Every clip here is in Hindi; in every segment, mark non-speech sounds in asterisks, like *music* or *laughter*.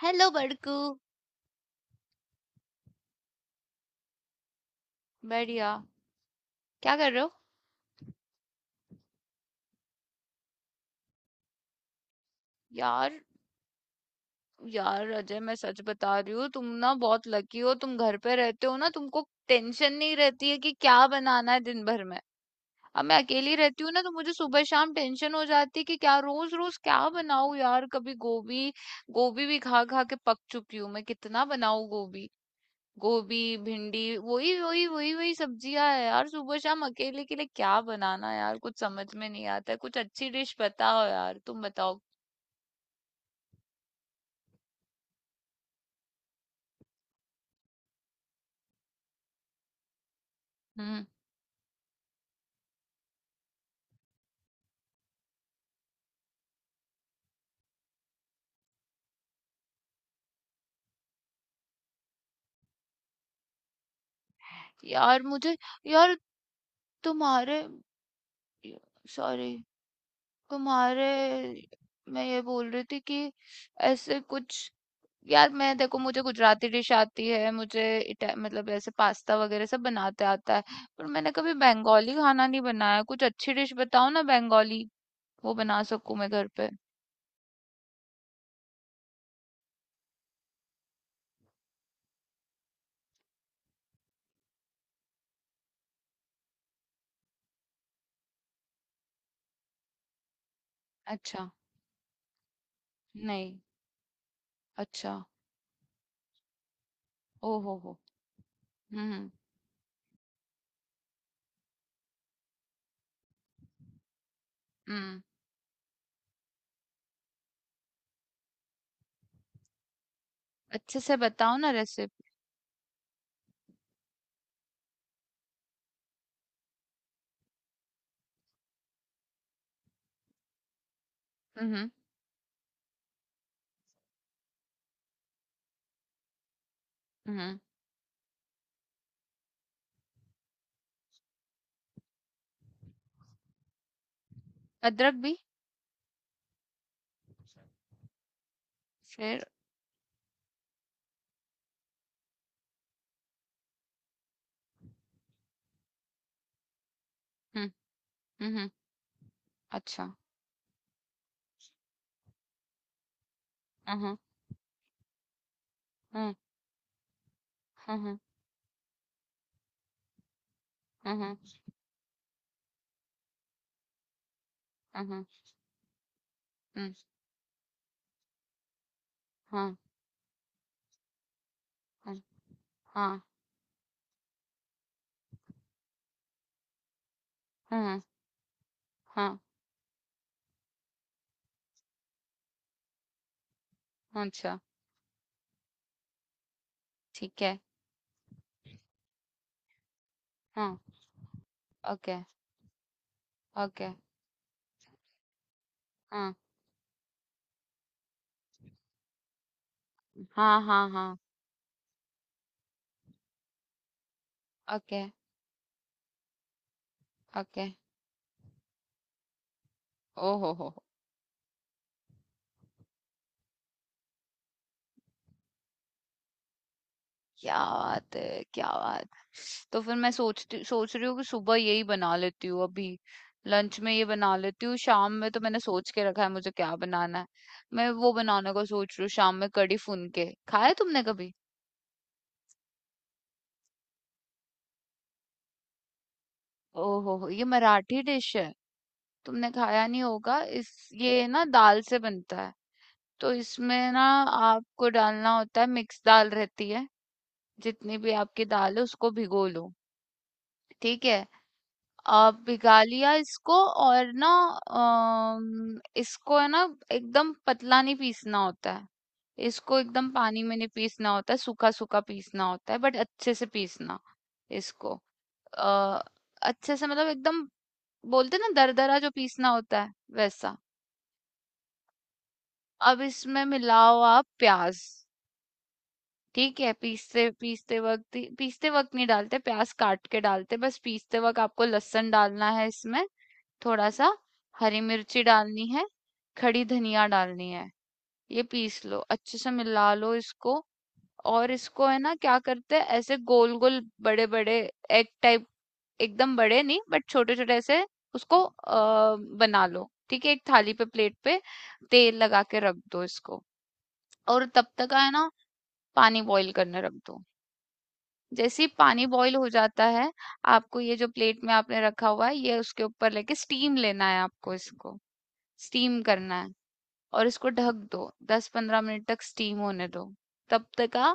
हेलो बड़कू। बढ़िया। क्या कर रहे हो यार? अजय, मैं सच बता रही हूँ, तुम ना बहुत लकी हो। तुम घर पे रहते हो ना, तुमको टेंशन नहीं रहती है कि क्या बनाना है दिन भर में। अब मैं अकेली रहती हूँ ना, तो मुझे सुबह शाम टेंशन हो जाती है कि क्या, रोज रोज क्या बनाऊँ यार। कभी गोभी, गोभी भी खा खा के पक चुकी हूँ मैं। कितना बनाऊँ गोभी? गोभी, भिंडी, वही वही वही वही सब्जियां है यार। सुबह शाम अकेले के लिए क्या बनाना यार, कुछ समझ में नहीं आता है। कुछ अच्छी डिश बताओ यार, तुम बताओ। हम्म। यार मुझे यार तुम्हारे सॉरी तुम्हारे मैं ये बोल रही थी कि ऐसे कुछ यार मैं देखो, मुझे गुजराती डिश आती है। मुझे इटा मतलब ऐसे पास्ता वगैरह सब बनाते आता है। पर मैंने कभी बंगाली खाना नहीं बनाया। कुछ अच्छी डिश बताओ ना बंगाली, वो बना सकूं मैं घर पे। अच्छा। नहीं। अच्छा। ओ हो हो। हुँ, हुँ। हुँ, अच्छे से बताओ ना रेसिपी। हुँ, हुँ, हुँ। अदरक भी? फिर। हुँ, हुँ, हुँ। अच्छा। हुँ, हुँ, हुँ, हुँ, हुँ, हुँ, हुँ, हुँ, हुँ। हुँ, हाँ, हुँ। हाँ, हुँ, हुँ। हाँ। अच्छा। ठीक है। हाँ। Okay, okay. हाँ, हाँ, हाँ, हाँ। Okay, okay. ओ हो हो। क्या बात है, क्या बात। तो फिर मैं सोच रही हूँ कि सुबह यही बना लेती हूँ अभी। लंच में ये बना लेती हूँ, शाम में तो मैंने सोच के रखा है मुझे क्या बनाना है। मैं वो बनाने का सोच रही हूँ शाम में, कढ़ी फुनके। खाया तुमने कभी? ओहो हो, ये मराठी डिश है। तुमने खाया नहीं होगा। इस ये ना दाल से बनता है। तो इसमें ना आपको डालना होता है, मिक्स दाल रहती है। जितनी भी आपकी दाल है उसको भिगो लो। ठीक है। भिगा लिया इसको। और ना इसको है ना, एकदम पतला नहीं पीसना होता है। इसको एकदम पानी में नहीं पीसना होता है, सूखा सूखा पीसना होता है, बट अच्छे से पीसना इसको। आ, अच्छे से मतलब एकदम बोलते ना दरदरा जो पीसना होता है, वैसा। अब इसमें मिलाओ आप प्याज। ठीक है। पीसते पीसते वक्त ही- पीसते वक्त नहीं डालते, प्याज काट के डालते। बस पीसते वक्त आपको लहसुन डालना है इसमें, थोड़ा सा। हरी मिर्ची डालनी है। खड़ी धनिया डालनी है। ये पीस लो, अच्छे से मिला लो इसको। और इसको है ना क्या करते हैं, ऐसे गोल गोल बड़े बड़े, एग टाइप, एकदम बड़े नहीं बट छोटे छोटे ऐसे। उसको बना लो। ठीक है, एक थाली पे, प्लेट पे तेल लगा के रख दो इसको। और तब तक है ना, पानी बॉईल करने रख दो। जैसे ही पानी बॉईल हो जाता है, आपको ये जो प्लेट में आपने रखा हुआ है, ये उसके ऊपर लेके स्टीम लेना है आपको इसको। स्टीम करना है। और इसको ढक दो। 10-15 मिनट तक स्टीम होने दो। तब तक आ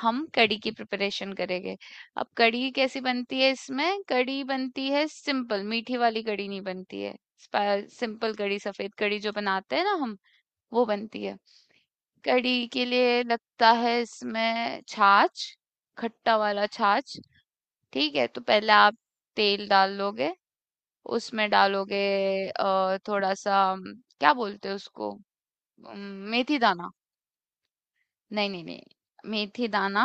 हम कड़ी की प्रिपरेशन करेंगे। अब कड़ी कैसी बनती है, इसमें कड़ी बनती है सिंपल, मीठी वाली कड़ी नहीं बनती है। सिंपल कड़ी, सफेद कड़ी जो बनाते हैं ना हम, वो बनती है। कड़ी के लिए लगता है इसमें छाछ, खट्टा वाला छाछ। ठीक है, तो पहले आप तेल डाल लोगे, उसमें डालोगे थोड़ा सा, क्या बोलते हैं उसको, अम, मेथी दाना। नहीं नहीं नहीं, मेथी दाना।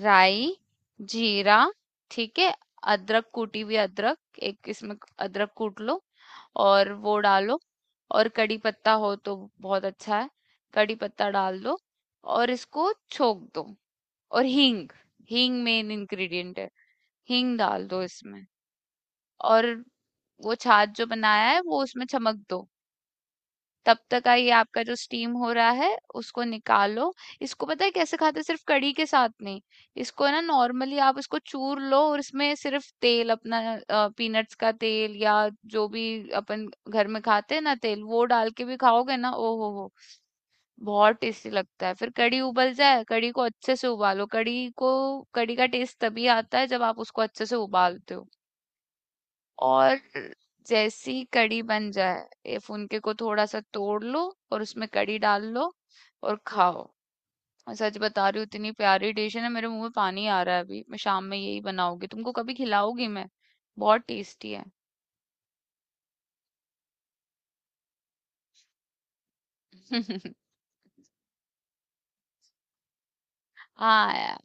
राई। जीरा। ठीक है। अदरक, कूटी हुई अदरक एक इसमें, अदरक कूट लो और वो डालो। और कड़ी पत्ता हो तो बहुत अच्छा है, कड़ी पत्ता डाल दो। और इसको छोक दो। और हींग, हींग मेन इंग्रेडिएंट है। हींग डाल दो इसमें। और वो छाछ जो बनाया है वो उसमें चमक दो। तब तक का ये आपका जो स्टीम हो रहा है उसको निकालो। इसको पता है कैसे खाते हैं? सिर्फ़ कढ़ी के साथ नहीं, इसको ना नॉर्मली आप इसको चूर लो और इसमें सिर्फ़ तेल अपना, पीनट्स का तेल या जो भी अपन घर में खाते हैं ना तेल, वो डाल के भी खाओगे ना, ओ हो हो! बहुत टेस्टी लगता है। फिर कढ़ी उबल जाए, कढ़ी को अच्छे से उबालो। कढ़ी का टेस्ट तभी आता है जब आप उसको अच्छे से उबालते हो। और जैसी कड़ी बन जाए, ये फुनके को थोड़ा सा तोड़ लो और उसमें कड़ी डाल लो और खाओ। मैं सच बता रही हूँ, इतनी प्यारी डिश है ना, मेरे मुंह में पानी आ रहा है अभी। मैं शाम में यही बनाऊंगी, तुमको कभी खिलाऊंगी मैं। बहुत टेस्टी है। *laughs* हाँ यार।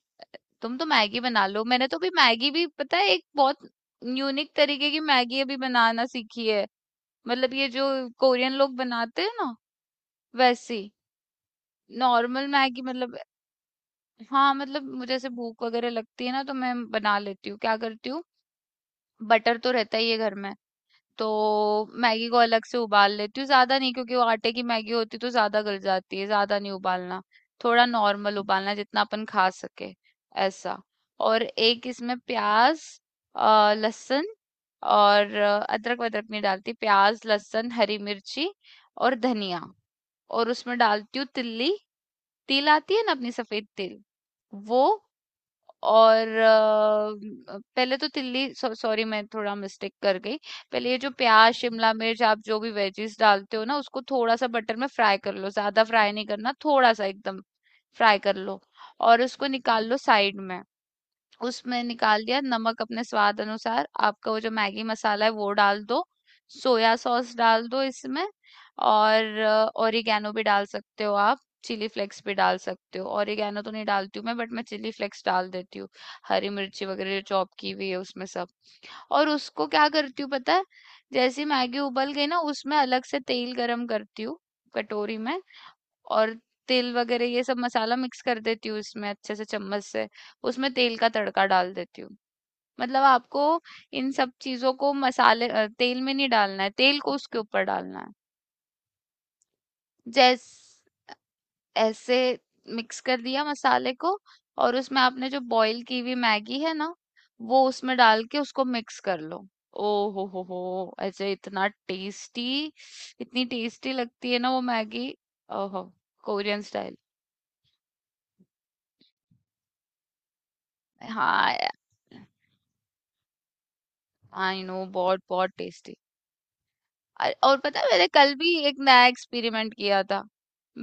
तुम तो मैगी बना लो। मैंने तो भी मैगी भी पता है, एक बहुत यूनिक तरीके की मैगी अभी बनाना सीखी है। मतलब ये जो कोरियन लोग बनाते हैं ना, वैसी। नॉर्मल मैगी मतलब। हाँ मतलब मुझे जैसे भूख वगैरह लगती है ना, तो मैं बना लेती हूँ। क्या करती हूँ, बटर तो रहता ही है घर में, तो मैगी को अलग से उबाल लेती हूँ, ज्यादा नहीं, क्योंकि वो आटे की मैगी होती तो ज्यादा गल जाती है। ज्यादा नहीं उबालना, थोड़ा नॉर्मल उबालना, जितना अपन खा सके, ऐसा। और एक इसमें प्याज, लहसुन, और अदरक वदरक नहीं डालती, प्याज लहसुन हरी मिर्ची और धनिया। और उसमें डालती हूँ तिल्ली। तिल आती है ना अपनी, सफेद तिल, वो। और पहले तो सॉरी, मैं थोड़ा मिस्टेक कर गई। पहले ये जो प्याज, शिमला मिर्च, आप जो भी वेजीज डालते हो ना, उसको थोड़ा सा बटर में फ्राई कर लो, ज्यादा फ्राई नहीं करना, थोड़ा सा एकदम फ्राई कर लो और उसको निकाल लो साइड में। उसमें निकाल दिया नमक अपने स्वाद अनुसार, आपका वो जो मैगी मसाला है वो डाल दो। सोया सॉस डाल दो इसमें। और ओरिगैनो भी डाल सकते हो आप, चिली फ्लेक्स भी डाल सकते हो। ओरिगैनो तो नहीं डालती हूँ मैं, बट मैं चिली फ्लेक्स डाल देती हूँ, हरी मिर्ची वगैरह जो चॉप की हुई है उसमें सब। और उसको क्या करती हूँ पता है, जैसी मैगी उबल गई ना, उसमें अलग से तेल गरम करती हूँ कटोरी में। और तिल वगैरह ये सब मसाला मिक्स कर देती हूँ उसमें अच्छे से चम्मच से। उसमें तेल का तड़का डाल देती हूँ। मतलब आपको इन सब चीजों को मसाले, तेल में नहीं डालना है, तेल को उसके ऊपर डालना है। जैस ऐसे मिक्स कर दिया मसाले को। और उसमें आपने जो बॉईल की हुई मैगी है ना वो उसमें डाल के उसको मिक्स कर लो। ओ हो, ऐसे इतना टेस्टी, इतनी टेस्टी लगती है ना वो मैगी, ओहो, कोरियन स्टाइल। हाँ, आई नो, बहुत बहुत टेस्टी। और पता है मैंने कल भी एक नया एक्सपेरिमेंट किया था।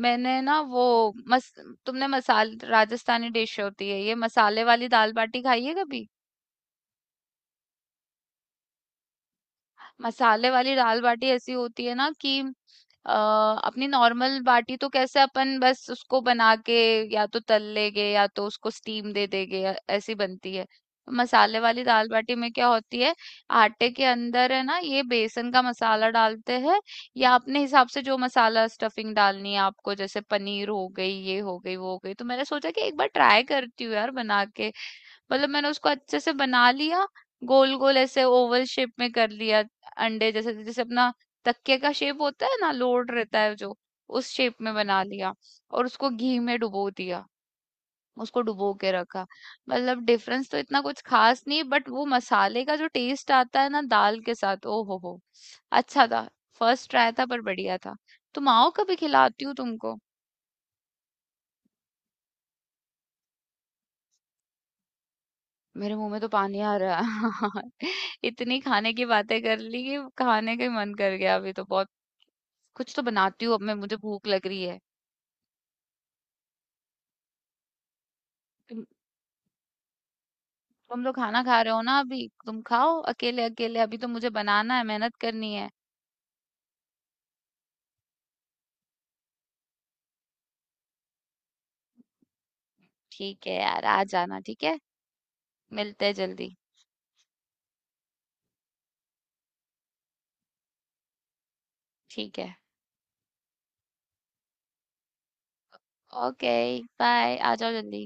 मैंने ना वो मस तुमने मसाल राजस्थानी डिश होती है ये मसाले वाली दाल बाटी, खाई है कभी? मसाले वाली दाल बाटी ऐसी होती है ना कि अपनी नॉर्मल बाटी तो कैसे अपन बस उसको बना के या तो तल लेंगे या तो उसको स्टीम दे देंगे ऐसी बनती है। मसाले वाली दाल बाटी में क्या होती है, आटे के अंदर है ना ये बेसन का मसाला डालते हैं, या अपने हिसाब से जो मसाला स्टफिंग डालनी है आपको, जैसे पनीर हो गई, ये हो गई, वो हो गई। तो मैंने सोचा कि एक बार ट्राई करती हूँ यार बना के। मतलब मैंने उसको अच्छे से बना लिया, गोल-गोल ऐसे ओवल शेप में कर लिया, अंडे जैसे, जैसे अपना तकिए का शेप होता है ना, लोड रहता है जो, उस शेप में बना लिया और उसको घी में डुबो दिया। उसको डुबो के रखा। मतलब डिफरेंस तो इतना कुछ खास नहीं, बट वो मसाले का जो टेस्ट आता है ना दाल के साथ, ओ हो हो! अच्छा था। फर्स्ट ट्राई था पर बढ़िया था। तुम आओ, कभी खिलाती हूँ तुमको। मेरे मुंह में तो पानी आ रहा है। *laughs* इतनी खाने की बातें कर ली कि खाने का ही मन कर गया अभी। तो बहुत कुछ तो बनाती हूँ अब मैं, मुझे भूख लग रही है। तुम तुम तो खाना खा रहे हो ना अभी, तुम खाओ अकेले अकेले। अभी तो मुझे बनाना है, मेहनत करनी है। ठीक है यार, आ जाना। ठीक है। मिलते हैं जल्दी। ठीक है। ओके। बाय, आ जाओ जल्दी।